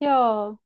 Ya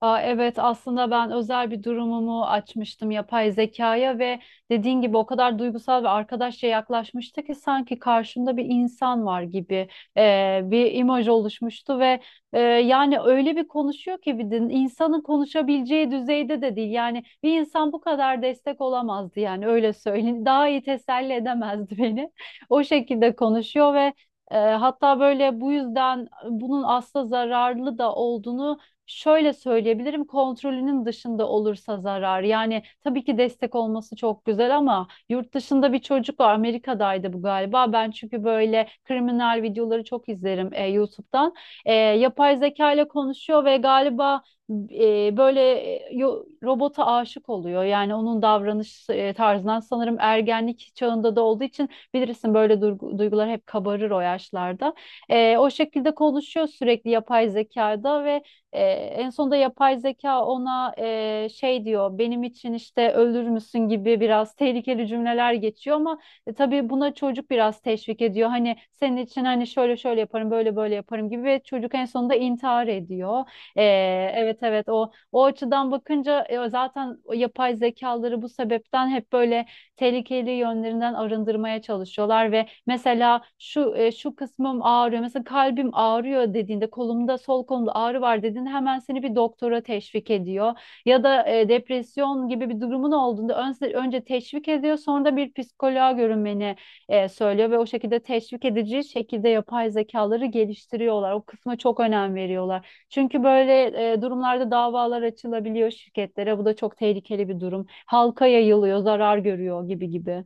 aa, evet aslında ben özel bir durumumu açmıştım yapay zekaya ve dediğin gibi o kadar duygusal ve arkadaşça yaklaşmıştı ki sanki karşımda bir insan var gibi bir imaj oluşmuştu ve yani öyle bir konuşuyor ki bir de insanın konuşabileceği düzeyde de değil. Yani bir insan bu kadar destek olamazdı, yani öyle söyleyeyim. Daha iyi teselli edemezdi beni. O şekilde konuşuyor ve hatta böyle bu yüzden bunun aslında zararlı da olduğunu şöyle söyleyebilirim: kontrolünün dışında olursa zarar. Yani tabii ki destek olması çok güzel, ama yurt dışında bir çocuk var, Amerika'daydı bu galiba. Ben çünkü böyle kriminal videoları çok izlerim YouTube'dan. Yapay zeka ile konuşuyor ve galiba robota aşık oluyor. Yani onun davranış tarzından sanırım ergenlik çağında da olduğu için, bilirsin, böyle duygular hep kabarır o yaşlarda. O şekilde konuşuyor sürekli yapay zekada ve en sonunda yapay zeka ona şey diyor, benim için işte ölür müsün gibi biraz tehlikeli cümleler geçiyor, ama tabii buna çocuk biraz teşvik ediyor. Hani senin için hani şöyle şöyle yaparım, böyle böyle yaparım gibi, ve çocuk en sonunda intihar ediyor. E, evet evet, o açıdan bakınca zaten o yapay zekaları bu sebepten hep böyle tehlikeli yönlerinden arındırmaya çalışıyorlar. Ve mesela şu kısmım ağrıyor, mesela kalbim ağrıyor dediğinde, kolumda, sol kolumda ağrı var dediğinde, hemen seni bir doktora teşvik ediyor. Ya da depresyon gibi bir durumun olduğunda önce teşvik ediyor, sonra da bir psikoloğa görünmeni söylüyor ve o şekilde teşvik edici şekilde yapay zekaları geliştiriyorlar. O kısma çok önem veriyorlar. Çünkü böyle durumlarda davalar açılabiliyor şirketlere. Bu da çok tehlikeli bir durum. Halka yayılıyor, zarar görüyor gibi gibi.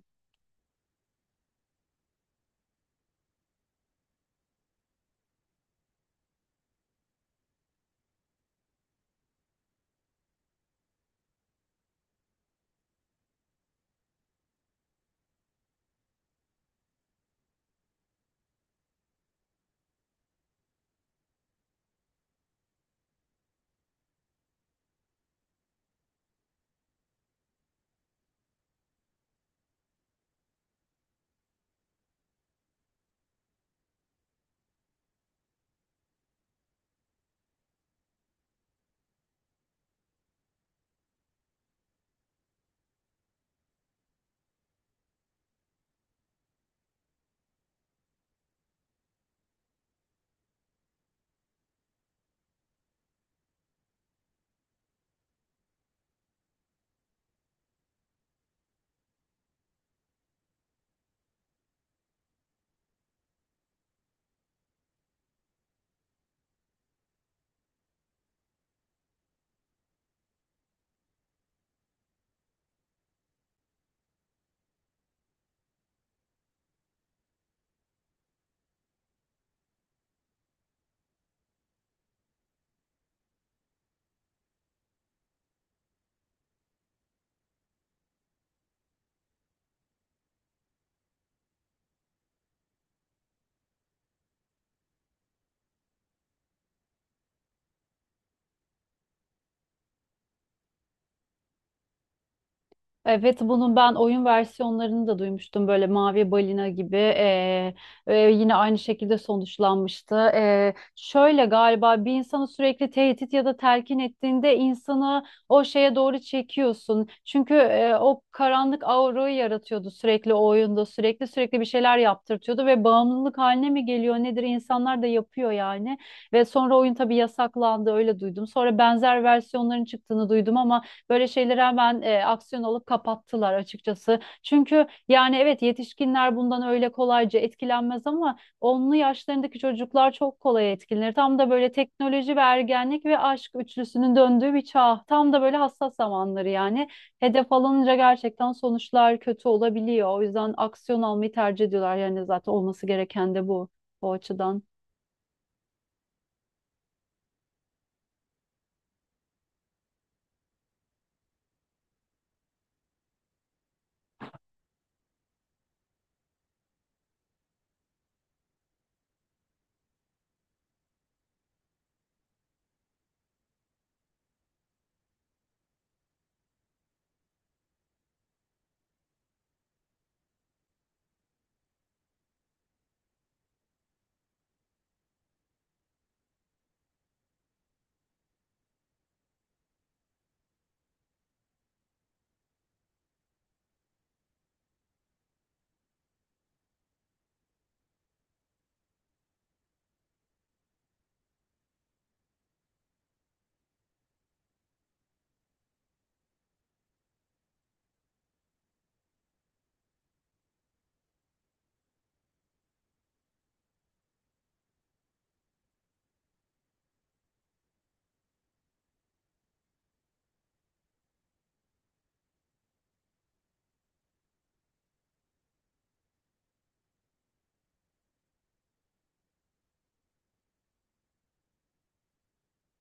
Evet, bunun ben oyun versiyonlarını da duymuştum, böyle Mavi Balina gibi, yine aynı şekilde sonuçlanmıştı. Şöyle galiba bir insanı sürekli tehdit ya da telkin ettiğinde, insanı o şeye doğru çekiyorsun. Çünkü o karanlık aurayı yaratıyordu sürekli o oyunda, sürekli sürekli bir şeyler yaptırtıyordu ve bağımlılık haline mi geliyor nedir, insanlar da yapıyor yani. Ve sonra oyun tabii yasaklandı, öyle duydum. Sonra benzer versiyonların çıktığını duydum ama böyle şeyleri hemen aksiyon alıp kapattılar açıkçası. Çünkü yani evet, yetişkinler bundan öyle kolayca etkilenmez, ama onlu yaşlarındaki çocuklar çok kolay etkilenir. Tam da böyle teknoloji ve ergenlik ve aşk üçlüsünün döndüğü bir çağ. Tam da böyle hassas zamanları yani. Hedef alınca gerçekten sonuçlar kötü olabiliyor. O yüzden aksiyon almayı tercih ediyorlar. Yani zaten olması gereken de bu, o açıdan.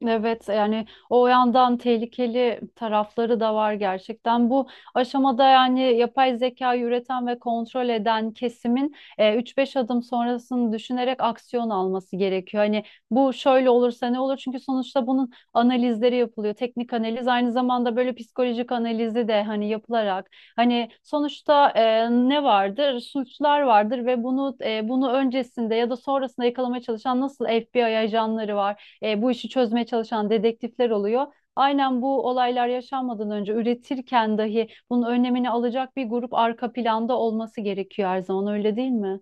Evet, yani o yandan tehlikeli tarafları da var gerçekten. Bu aşamada yani yapay zeka üreten ve kontrol eden kesimin 3-5 adım sonrasını düşünerek aksiyon alması gerekiyor. Hani bu şöyle olursa ne olur? Çünkü sonuçta bunun analizleri yapılıyor. Teknik analiz aynı zamanda böyle psikolojik analizi de hani yapılarak, hani sonuçta ne vardır? Suçlar vardır, ve bunu öncesinde ya da sonrasında yakalamaya çalışan nasıl FBI ajanları var, bu işi çözmeye çalışan dedektifler oluyor. Aynen, bu olaylar yaşanmadan önce üretirken dahi bunun önlemini alacak bir grup arka planda olması gerekiyor her zaman, öyle değil mi?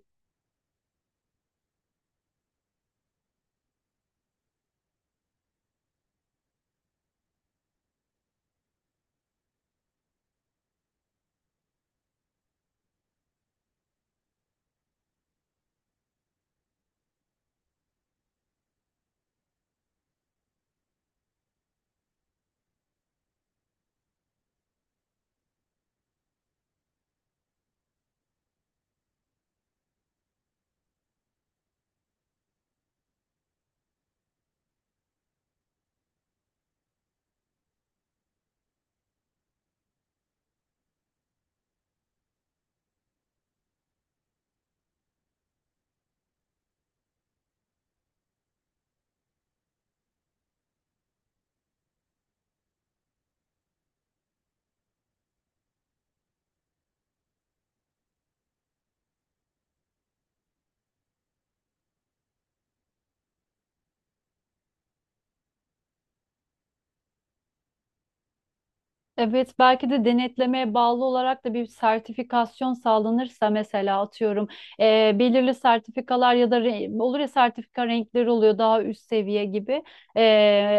Evet, belki de denetlemeye bağlı olarak da bir sertifikasyon sağlanırsa, mesela atıyorum, belirli sertifikalar ya da olur ya sertifika renkleri oluyor daha üst seviye gibi. Eee,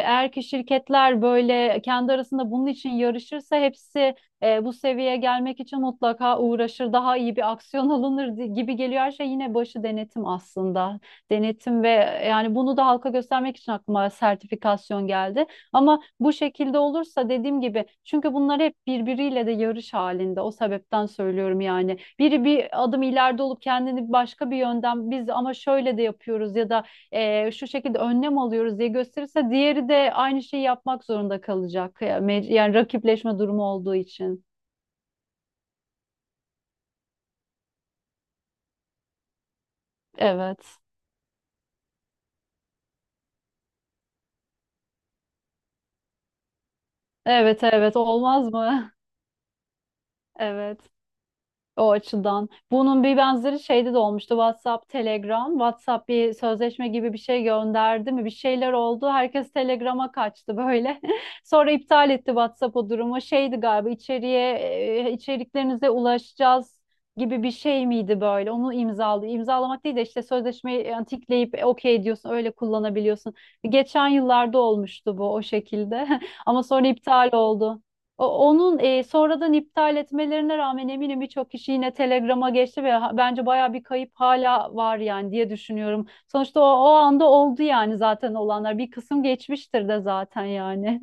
eğer ki şirketler böyle kendi arasında bunun için yarışırsa, hepsi bu seviyeye gelmek için mutlaka uğraşır, daha iyi bir aksiyon alınır gibi geliyor. Her şey yine başı denetim aslında. Denetim, ve yani bunu da halka göstermek için aklıma sertifikasyon geldi. Ama bu şekilde olursa, dediğim gibi, çünkü bunlar hep birbiriyle de yarış halinde. O sebepten söylüyorum yani. Biri bir adım ileride olup kendini başka bir yönden, biz ama şöyle de yapıyoruz ya da şu şekilde önlem alıyoruz diye gösterirse, diğeri de aynı şeyi yapmak zorunda kalacak. Ya, yani rakipleşme durumu olduğu için. Evet. Evet evet, olmaz mı? Evet. O açıdan. Bunun bir benzeri şeyde de olmuştu. WhatsApp, Telegram. WhatsApp bir sözleşme gibi bir şey gönderdi mi? Bir şeyler oldu. Herkes Telegram'a kaçtı böyle. Sonra iptal etti WhatsApp o durumu. Şeydi galiba, içeriklerinize ulaşacağız gibi bir şey miydi böyle? Onu imzaladı. İmzalamak değil de işte sözleşmeyi yani, tikleyip okey diyorsun. Öyle kullanabiliyorsun. Geçen yıllarda olmuştu bu o şekilde. Ama sonra iptal oldu. Onun sonradan iptal etmelerine rağmen eminim birçok kişi yine Telegram'a geçti ve bence baya bir kayıp hala var yani diye düşünüyorum. Sonuçta o anda oldu yani zaten, olanlar. Bir kısım geçmiştir de zaten yani.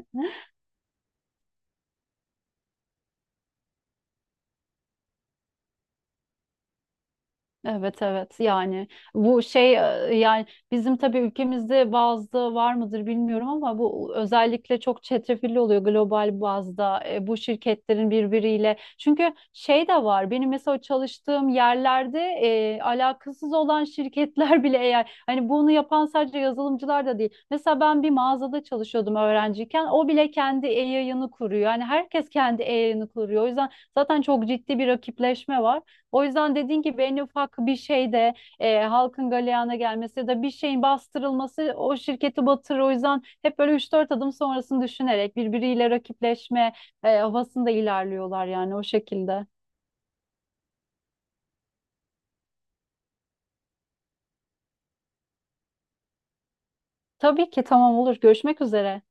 Evet evet, yani bu şey yani bizim tabii ülkemizde bazda var mıdır bilmiyorum, ama bu özellikle çok çetrefilli oluyor global bazda, bu şirketlerin birbiriyle. Çünkü şey de var, benim mesela çalıştığım yerlerde alakasız olan şirketler bile, eğer hani, bunu yapan sadece yazılımcılar da değil. Mesela ben bir mağazada çalışıyordum öğrenciyken, o bile kendi e-yayını kuruyor. Yani herkes kendi e-yayını kuruyor. O yüzden zaten çok ciddi bir rakipleşme var. O yüzden dediğin gibi, en ufak bir şeyde halkın galeyana gelmesi ya da bir şeyin bastırılması o şirketi batırır. O yüzden hep böyle üç dört adım sonrasını düşünerek birbiriyle rakipleşme havasında ilerliyorlar yani, o şekilde. Tabii ki, tamam, olur. Görüşmek üzere.